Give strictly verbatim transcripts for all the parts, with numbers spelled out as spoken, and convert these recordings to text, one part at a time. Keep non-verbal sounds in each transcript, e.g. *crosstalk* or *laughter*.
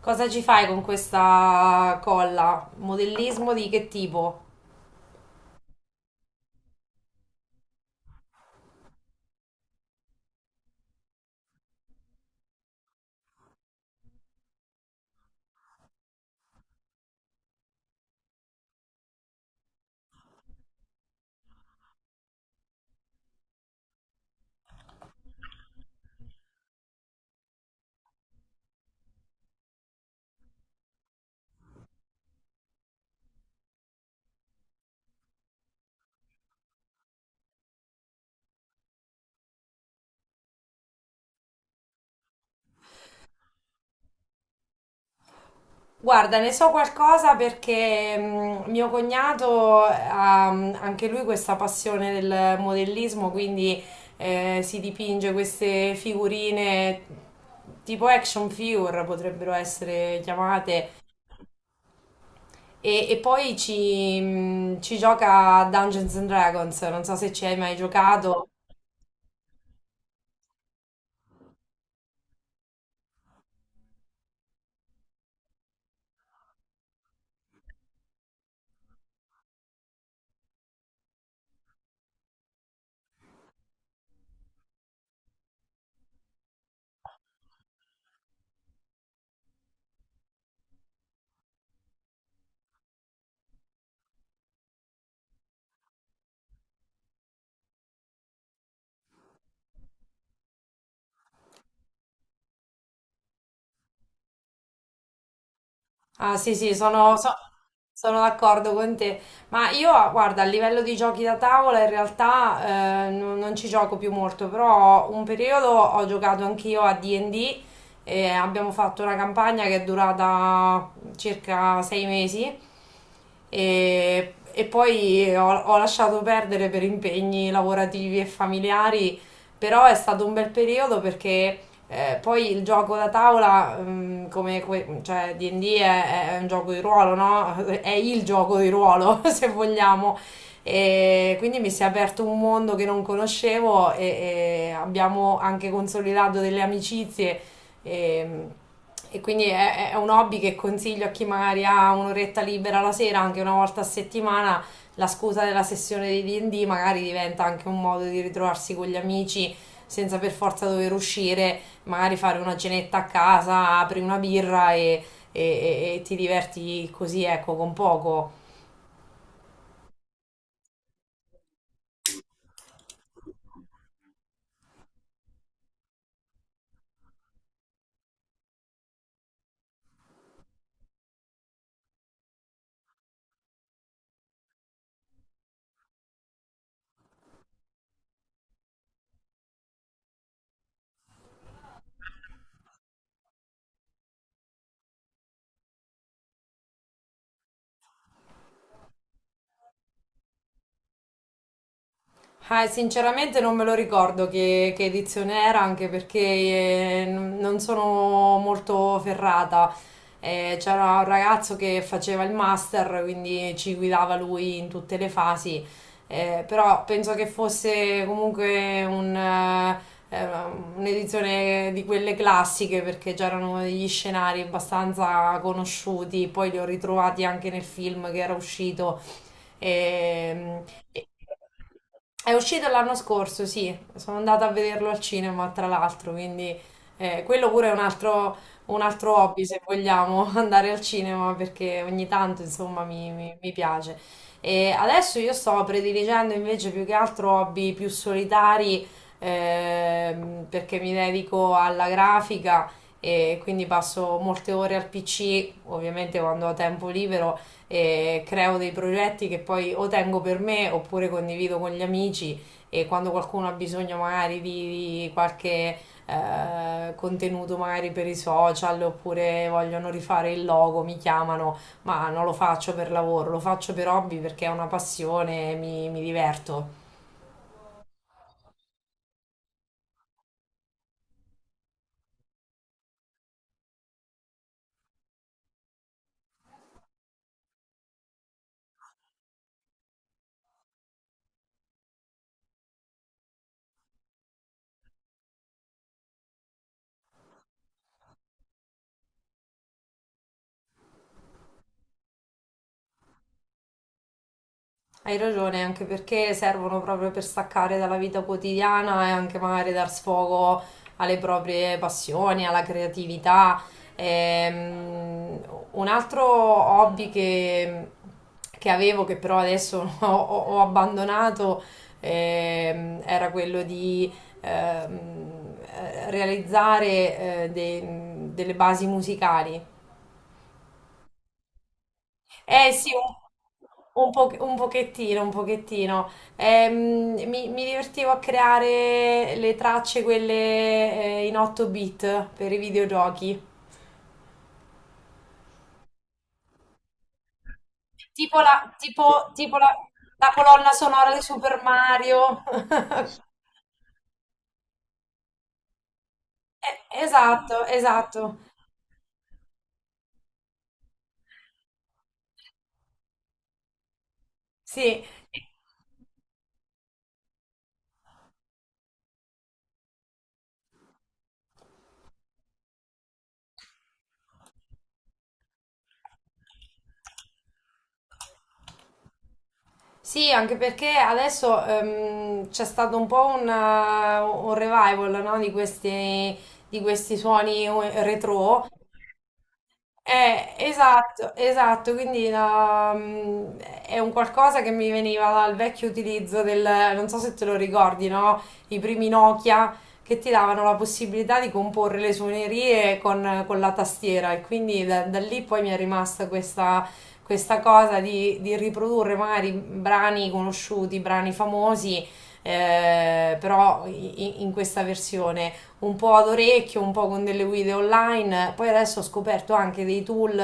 Cosa ci fai con questa colla? Modellismo di che tipo? Guarda, ne so qualcosa perché mm, mio cognato ha mm, anche lui questa passione del modellismo, quindi eh, si dipinge queste figurine tipo action figure potrebbero essere chiamate. E, e poi ci, mm, ci gioca a Dungeons and Dragons, non so se ci hai mai giocato. Ah, sì, sì, sono, so- sono d'accordo con te. Ma io, guarda, a livello di giochi da tavola, in realtà eh, non, non ci gioco più molto, però un periodo ho giocato anch'io a D and D e D e abbiamo fatto una campagna che è durata circa sei mesi e, e poi ho, ho lasciato perdere per impegni lavorativi e familiari, però è stato un bel periodo perché... Eh, poi il gioco da tavola, mm, come que- cioè D and D è, è un gioco di ruolo, no? *laughs* È il gioco di ruolo, *laughs* se vogliamo. E quindi mi si è aperto un mondo che non conoscevo e, e, abbiamo anche consolidato delle amicizie. E, e quindi è, è un hobby che consiglio a chi magari ha un'oretta libera la sera, anche una volta a settimana. La scusa della sessione di D and D magari diventa anche un modo di ritrovarsi con gli amici senza per forza dover uscire magari fare una cenetta a casa, apri una birra e, e- e- e ti diverti così, ecco, con poco. Eh, sinceramente non me lo ricordo che, che edizione era, anche perché eh, n- non sono molto ferrata. Eh, c'era un ragazzo che faceva il master, quindi ci guidava lui in tutte le fasi. Eh, però penso che fosse comunque un, eh, eh, un'edizione di quelle classiche, perché c'erano degli scenari abbastanza conosciuti, poi li ho ritrovati anche nel film che era uscito. Ehm, è uscito l'anno scorso, sì, sono andata a vederlo al cinema, tra l'altro, quindi eh, quello pure è un altro, un altro hobby, se vogliamo, *laughs* andare al cinema, perché ogni tanto, insomma, mi, mi- mi piace. E adesso io sto prediligendo invece più che altro hobby più solitari, ehm, perché mi dedico alla grafica e quindi passo molte ore al P C, ovviamente quando ho tempo libero eh, creo dei progetti che poi o tengo per me oppure condivido con gli amici e quando qualcuno ha bisogno magari di, di qualche eh, contenuto magari per i social oppure vogliono rifare il logo, mi chiamano, ma non lo faccio per lavoro, lo faccio per hobby perché è una passione, mi, mi diverto. Hai ragione, anche perché servono proprio per staccare dalla vita quotidiana e anche magari dar sfogo alle proprie passioni, alla creatività. Ehm, un altro hobby che, che avevo, che però adesso *laughs* ho, ho- ho abbandonato, ehm, era quello di ehm, eh, realizzare eh, dei- delle basi musicali. Eh sì, un, un po- un pochettino, un pochettino. Ehm, mi, mi divertivo a creare le tracce, quelle eh, in otto bit per i videogiochi. Tipo la, tipo, tipo la, la colonna sonora di Super Mario. *laughs* Eh, esatto, esatto. Sì, sì, anche perché adesso ehm, c'è stato un po' un, eh, un revival, no, di questi, di questi suoni eh, retro. Eh, esatto, esatto, quindi la- mm, è un qualcosa che mi veniva dal vecchio utilizzo del, non so se te lo ricordi, no? I primi Nokia che ti davano la possibilità di comporre le suonerie con, con la tastiera e quindi da, da lì poi mi è rimasta questa, questa cosa di, di riprodurre magari brani conosciuti, brani famosi, eh, però i- in questa versione un po' ad orecchio, un po' con delle guide online. Poi adesso ho scoperto anche dei tool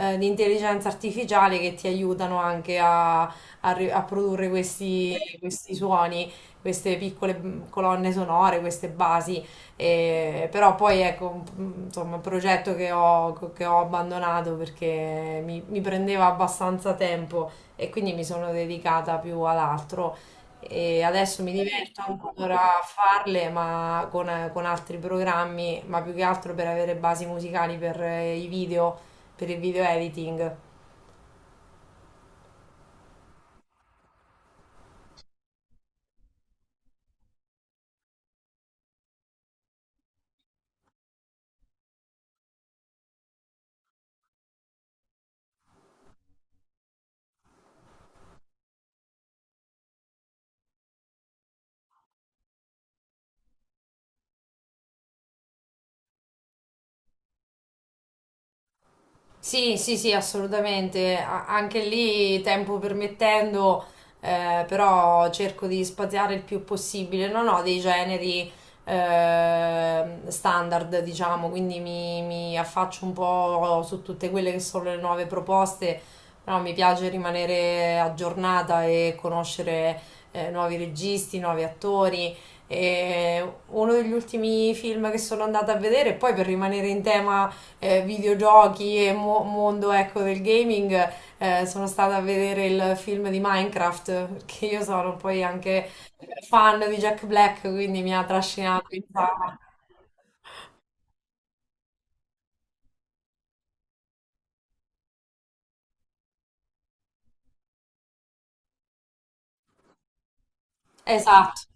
eh, di intelligenza artificiale che ti aiutano anche a, a ri- a produrre questi, questi suoni, queste piccole mm, colonne sonore, queste basi. E- però poi ecco, mm, insomma, un progetto che ho, che ho abbandonato perché mi mi prendeva abbastanza tempo e quindi mi sono dedicata più ad altro e adesso mi diverto ancora a farle, ma con, con altri programmi, ma più che altro per avere basi musicali per eh, i video, per il video editing. Sì, sì, sì, assolutamente. A- anche lì, tempo permettendo, eh, però cerco di spaziare il più possibile. Non ho dei generi eh, standard, diciamo, quindi mi, mi affaccio un po' su tutte quelle che sono le nuove proposte, però mi piace rimanere aggiornata e conoscere eh, nuovi registi, nuovi attori. E uno degli ultimi film che sono andata a vedere, poi per rimanere in tema eh, videogiochi e mo- mondo ecco, del gaming, eh, sono stata a vedere il film di Minecraft, perché io sono poi anche fan di Jack Black, quindi mi ha trascinato in sala. Esatto,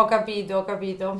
ho capito, ho capito.